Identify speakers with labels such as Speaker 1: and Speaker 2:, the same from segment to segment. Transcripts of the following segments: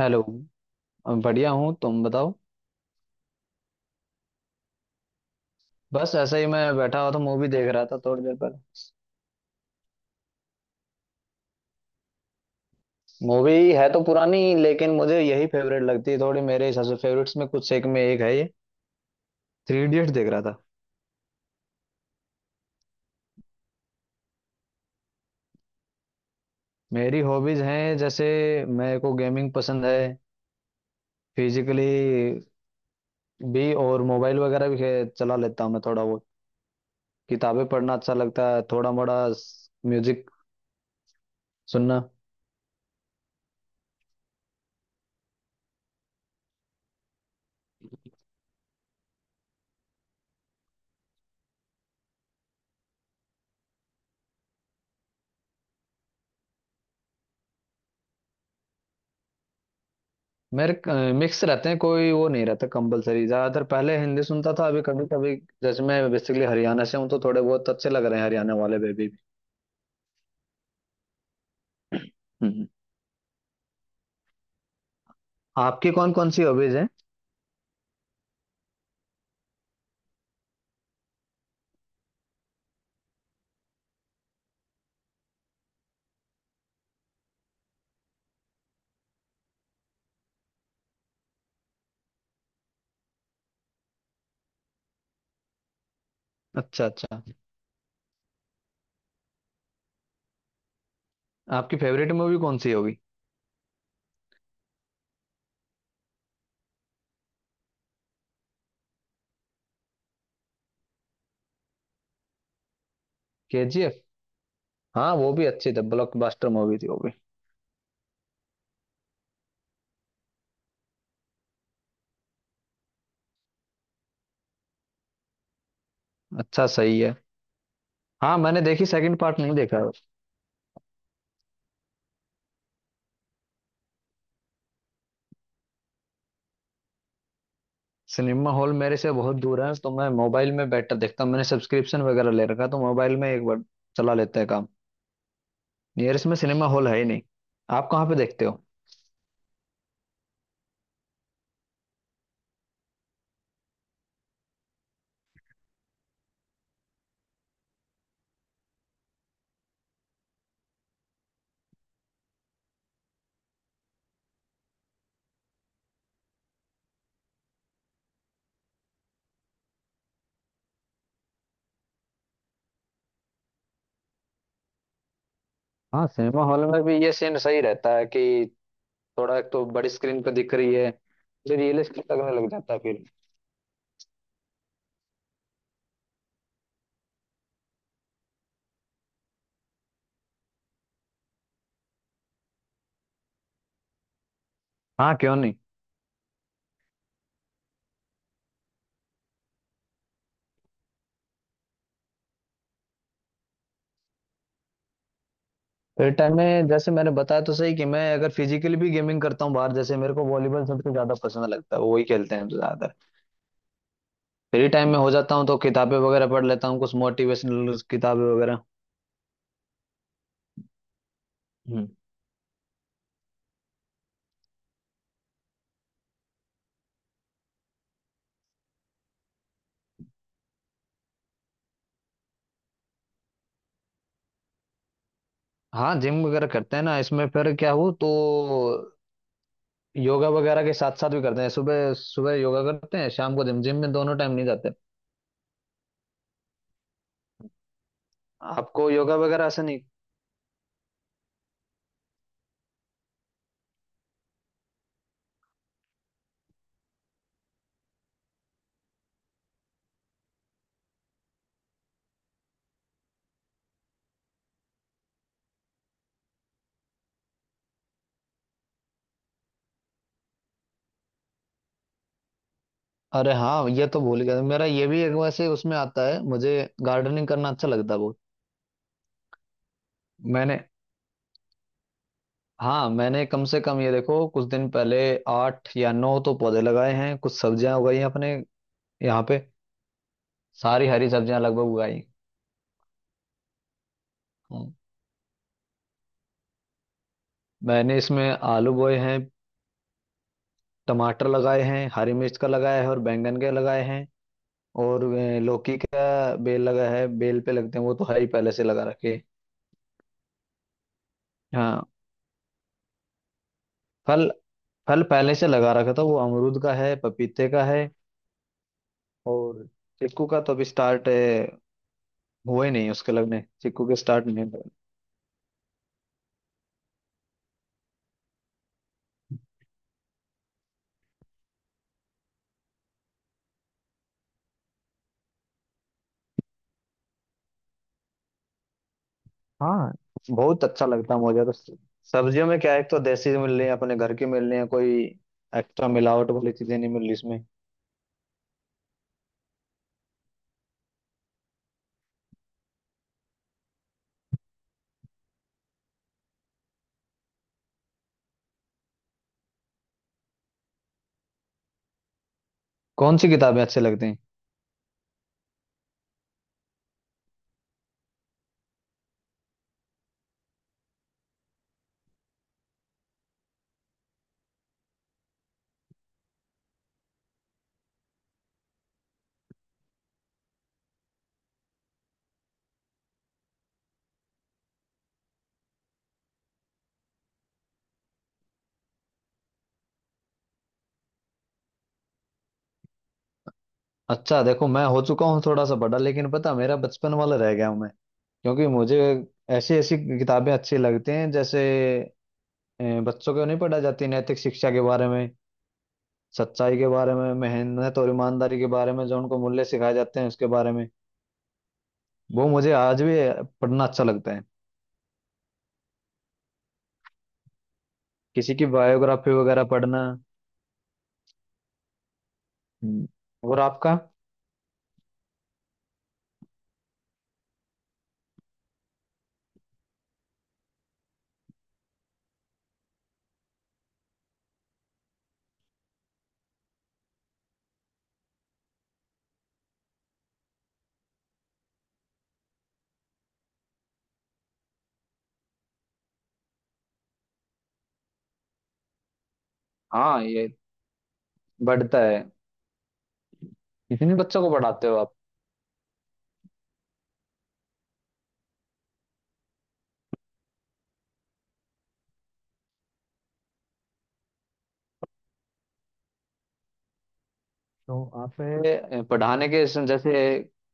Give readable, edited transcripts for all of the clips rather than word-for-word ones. Speaker 1: Hello. बढ़िया हूँ, तुम बताओ। बस ऐसे ही मैं बैठा हुआ था, मूवी देख रहा था थोड़ी देर पहले। मूवी है तो पुरानी लेकिन मुझे यही फेवरेट लगती है, थोड़ी मेरे हिसाब से फेवरेट्स में कुछ एक में एक है ये। थ्री इडियट्स देख रहा था। मेरी हॉबीज हैं जैसे मेरे को गेमिंग पसंद है, फिजिकली भी और मोबाइल वगैरह भी चला लेता हूँ मैं थोड़ा बहुत। किताबें पढ़ना अच्छा लगता है थोड़ा मोड़ा, म्यूजिक सुनना। मेरे मिक्स रहते हैं, कोई वो नहीं रहता कंपलसरी, ज्यादातर पहले हिंदी सुनता था, अभी कभी कभी जैसे मैं बेसिकली हरियाणा से हूँ तो थोड़े बहुत अच्छे लग रहे हैं हरियाणा वाले बेबी भी। हम्म। आपकी कौन कौन सी हॉबीज हैं? अच्छा अच्छा। आपकी फेवरेट मूवी कौन सी होगी? केजीएफ? हाँ वो भी अच्छी थी, ब्लॉकबस्टर मूवी थी वो भी। अच्छा सही है। हाँ मैंने देखी, सेकंड पार्ट नहीं देखा है। सिनेमा हॉल मेरे से बहुत दूर है तो मैं मोबाइल में बैठकर देखता हूँ। मैंने सब्सक्रिप्शन वगैरह ले रखा है, तो मोबाइल में एक बार चला लेते हैं काम। नियरेस्ट में सिनेमा हॉल है ही नहीं। आप कहाँ पे देखते हो? हाँ सिनेमा हॉल में भी ये सीन सही रहता है कि थोड़ा, एक तो बड़ी स्क्रीन पे दिख रही है, फिर रियलिस्टिक लगने लग जाता है फिर। हाँ क्यों नहीं। फिर टाइम में जैसे मैंने बताया तो सही, कि मैं अगर फिजिकली भी गेमिंग करता हूँ बाहर, जैसे मेरे को वॉलीबॉल सबसे ज्यादा पसंद लगता है, वो वही खेलते हैं ज्यादातर। फ्री टाइम में हो जाता हूँ तो किताबें वगैरह पढ़ लेता हूँ, कुछ मोटिवेशनल किताबें वगैरह। हम्म। हाँ जिम वगैरह करते हैं ना, इसमें फिर क्या हो, तो योगा वगैरह के साथ साथ भी करते हैं। सुबह सुबह योगा करते हैं, शाम को जिम, जिम में दोनों टाइम नहीं जाते। आपको योगा वगैरह ऐसे नहीं? अरे हाँ ये तो भूल गया, मेरा ये भी एक वैसे उसमें आता है, मुझे गार्डनिंग करना अच्छा लगता है बहुत। मैंने हाँ, मैंने कम से कम ये देखो, कुछ दिन पहले आठ या नौ तो पौधे लगाए हैं, कुछ सब्जियां उगाई हैं अपने यहाँ पे, सारी हरी सब्जियां लगभग उगाई हैं। हाँ, मैंने इसमें आलू बोए हैं, टमाटर लगाए हैं, हरी मिर्च का लगाया है और बैंगन के लगाए हैं, और लौकी का बेल लगा है, बेल पे लगते हैं वो तो है ही पहले से लगा रखे। हाँ। फल। फल पहले से लगा रखा था, वो अमरूद का है, पपीते का है, और चिक्कू का तो अभी स्टार्ट हुए नहीं उसके लगने, चिक्कू के स्टार्ट नहीं हुए। हाँ बहुत अच्छा लगता है मुझे तो। सब्जियों में क्या है, एक तो देसी मिल रही है, अपने घर की मिल रही है, कोई एक्स्ट्रा मिलावट वाली चीजें नहीं मिल रही इसमें। कौन सी किताबें अच्छी लगती हैं? अच्छा देखो, मैं हो चुका हूँ थोड़ा सा बड़ा, लेकिन पता है, मेरा बचपन वाला रह गया हूँ मैं। क्योंकि मुझे ऐसी ऐसी किताबें अच्छी लगती हैं जैसे बच्चों को नहीं पढ़ा जाती नैतिक शिक्षा के बारे में, सच्चाई के बारे में, मेहनत और ईमानदारी के बारे में, जो उनको मूल्य सिखाए जाते हैं उसके बारे में। वो मुझे आज भी पढ़ना अच्छा लगता है, किसी की बायोग्राफी वगैरह पढ़ना। हम्म, और आपका? हाँ, ये बढ़ता है। कितने बच्चों को पढ़ाते हो आप? तो आप पढ़ाने के इसमें जैसे,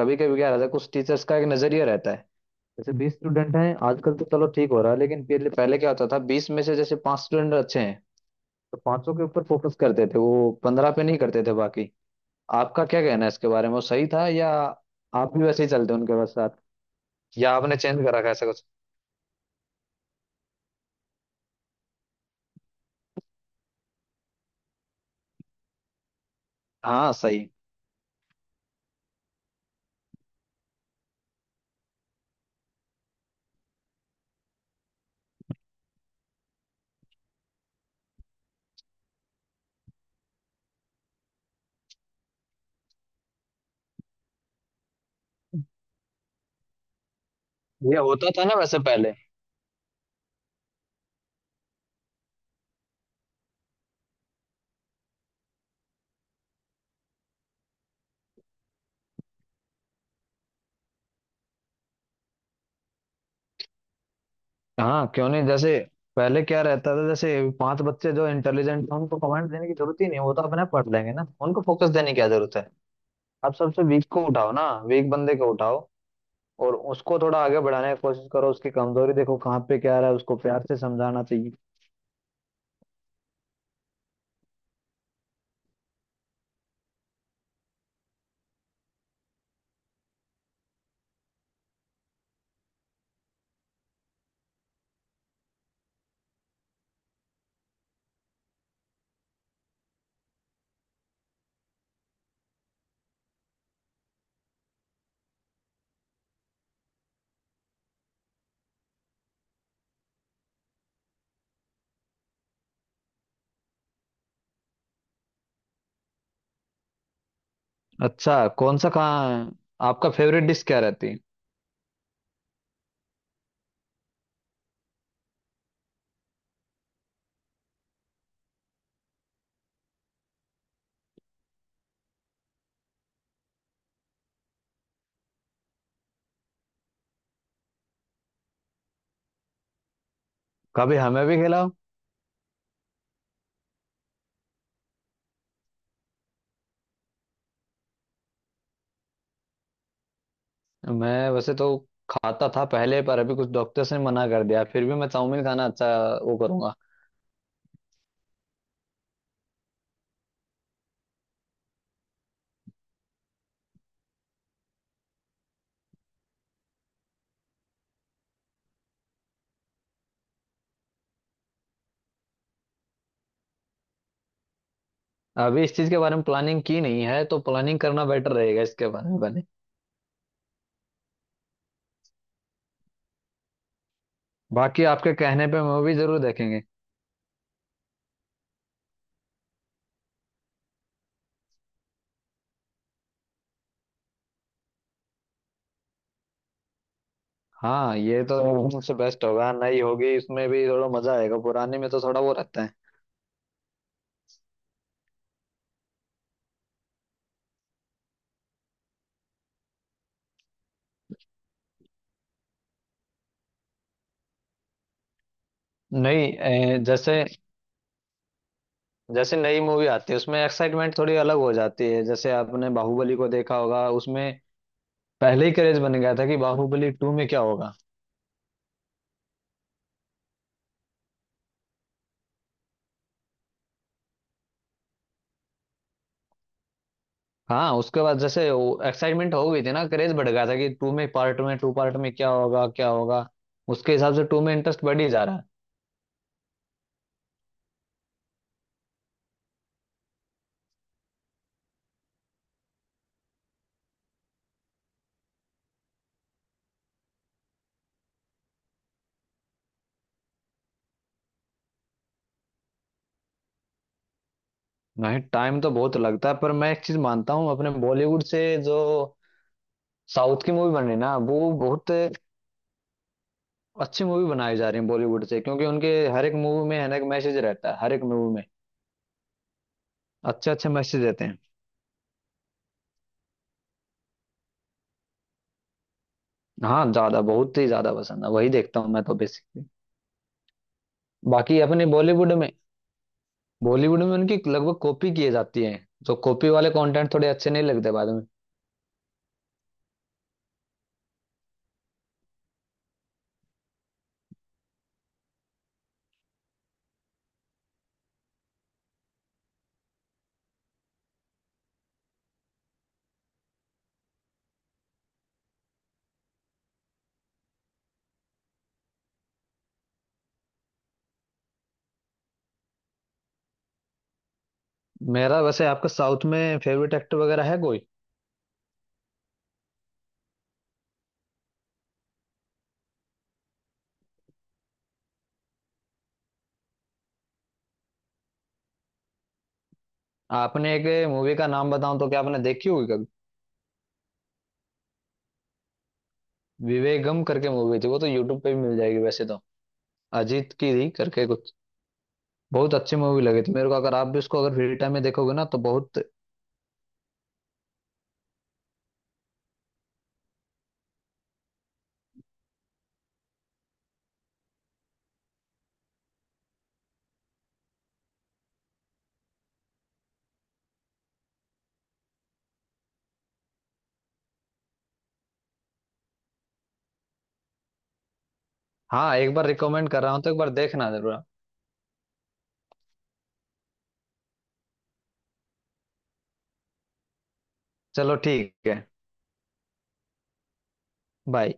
Speaker 1: कभी कभी क्या रहता है कुछ टीचर्स का एक नजरिया रहता है, जैसे 20 स्टूडेंट हैं आजकल तो चलो ठीक हो रहा है, लेकिन पहले पहले क्या होता था, 20 में से जैसे पांच स्टूडेंट अच्छे हैं तो पांचों के ऊपर फोकस करते थे, वो 15 पे नहीं करते थे बाकी। आपका क्या कहना है इसके बारे में, वो सही था, या आप भी वैसे ही चलते उनके बस साथ, या आपने चेंज करा रखा है ऐसा कुछ? हाँ सही। ये होता था ना वैसे पहले। हाँ क्यों नहीं। जैसे पहले क्या रहता था, जैसे पांच बच्चे जो इंटेलिजेंट थे उनको कमेंट देने की जरूरत ही नहीं, वो तो अपने पढ़ लेंगे ना, उनको फोकस देने की क्या जरूरत है। आप सबसे वीक को उठाओ ना, वीक बंदे को उठाओ और उसको थोड़ा आगे बढ़ाने की कोशिश करो, उसकी कमजोरी देखो कहाँ पे क्या रहा है, उसको प्यार से समझाना चाहिए। अच्छा कौन सा, कहाँ, आपका फेवरेट डिश क्या रहती है? कभी हमें भी खिलाओ। मैं वैसे तो खाता था पहले, पर अभी कुछ डॉक्टर्स ने मना कर दिया, फिर भी मैं चाउमीन खाना अच्छा वो करूंगा। अभी इस चीज के बारे में प्लानिंग की नहीं है, तो प्लानिंग करना बेटर रहेगा इसके बारे में बने। बाकी आपके कहने पे मूवी जरूर देखेंगे। हाँ ये तो मुझसे बेस्ट होगा, नई होगी इसमें भी थोड़ा मजा आएगा, पुराने में तो थोड़ा वो रहता है। नहीं जैसे, जैसे नई मूवी आती है उसमें एक्साइटमेंट थोड़ी अलग हो जाती है, जैसे आपने बाहुबली को देखा होगा, उसमें पहले ही क्रेज बन गया था कि बाहुबली टू में क्या होगा। हाँ उसके बाद जैसे एक्साइटमेंट हो गई थी ना, क्रेज बढ़ गया था कि टू में पार्ट में, टू पार्ट में क्या होगा क्या होगा, उसके हिसाब से टू में इंटरेस्ट बढ़ ही जा रहा है। नहीं टाइम तो बहुत लगता है, पर मैं एक चीज मानता हूँ, अपने बॉलीवुड से जो साउथ की मूवी बन रही है ना, वो बहुत अच्छी मूवी बनाई जा रही है बॉलीवुड से, क्योंकि उनके हर एक मूवी में हर एक मैसेज रहता है हर एक मूवी में, अच्छे अच्छे मैसेज देते हैं। हाँ ज्यादा, बहुत ही ज्यादा पसंद है, वही देखता हूँ मैं तो बेसिकली। बाकी अपने बॉलीवुड में, बॉलीवुड में उनकी लगभग कॉपी किए जाती हैं, जो कॉपी वाले कंटेंट थोड़े अच्छे नहीं लगते बाद में। मेरा वैसे आपका साउथ में फेवरेट एक्टर वगैरह है कोई? आपने एक मूवी का नाम बताऊं तो क्या आपने देखी होगी कभी? विवेगम करके मूवी थी, वो तो यूट्यूब पे भी मिल जाएगी वैसे तो, अजीत की थी करके कुछ। बहुत अच्छी मूवी लगी थी मेरे को, अगर आप भी उसको अगर फ्री टाइम में देखोगे ना तो बहुत। हाँ एक बार रिकमेंड कर रहा हूँ तो एक बार देखना जरूर आप। चलो ठीक है। बाय।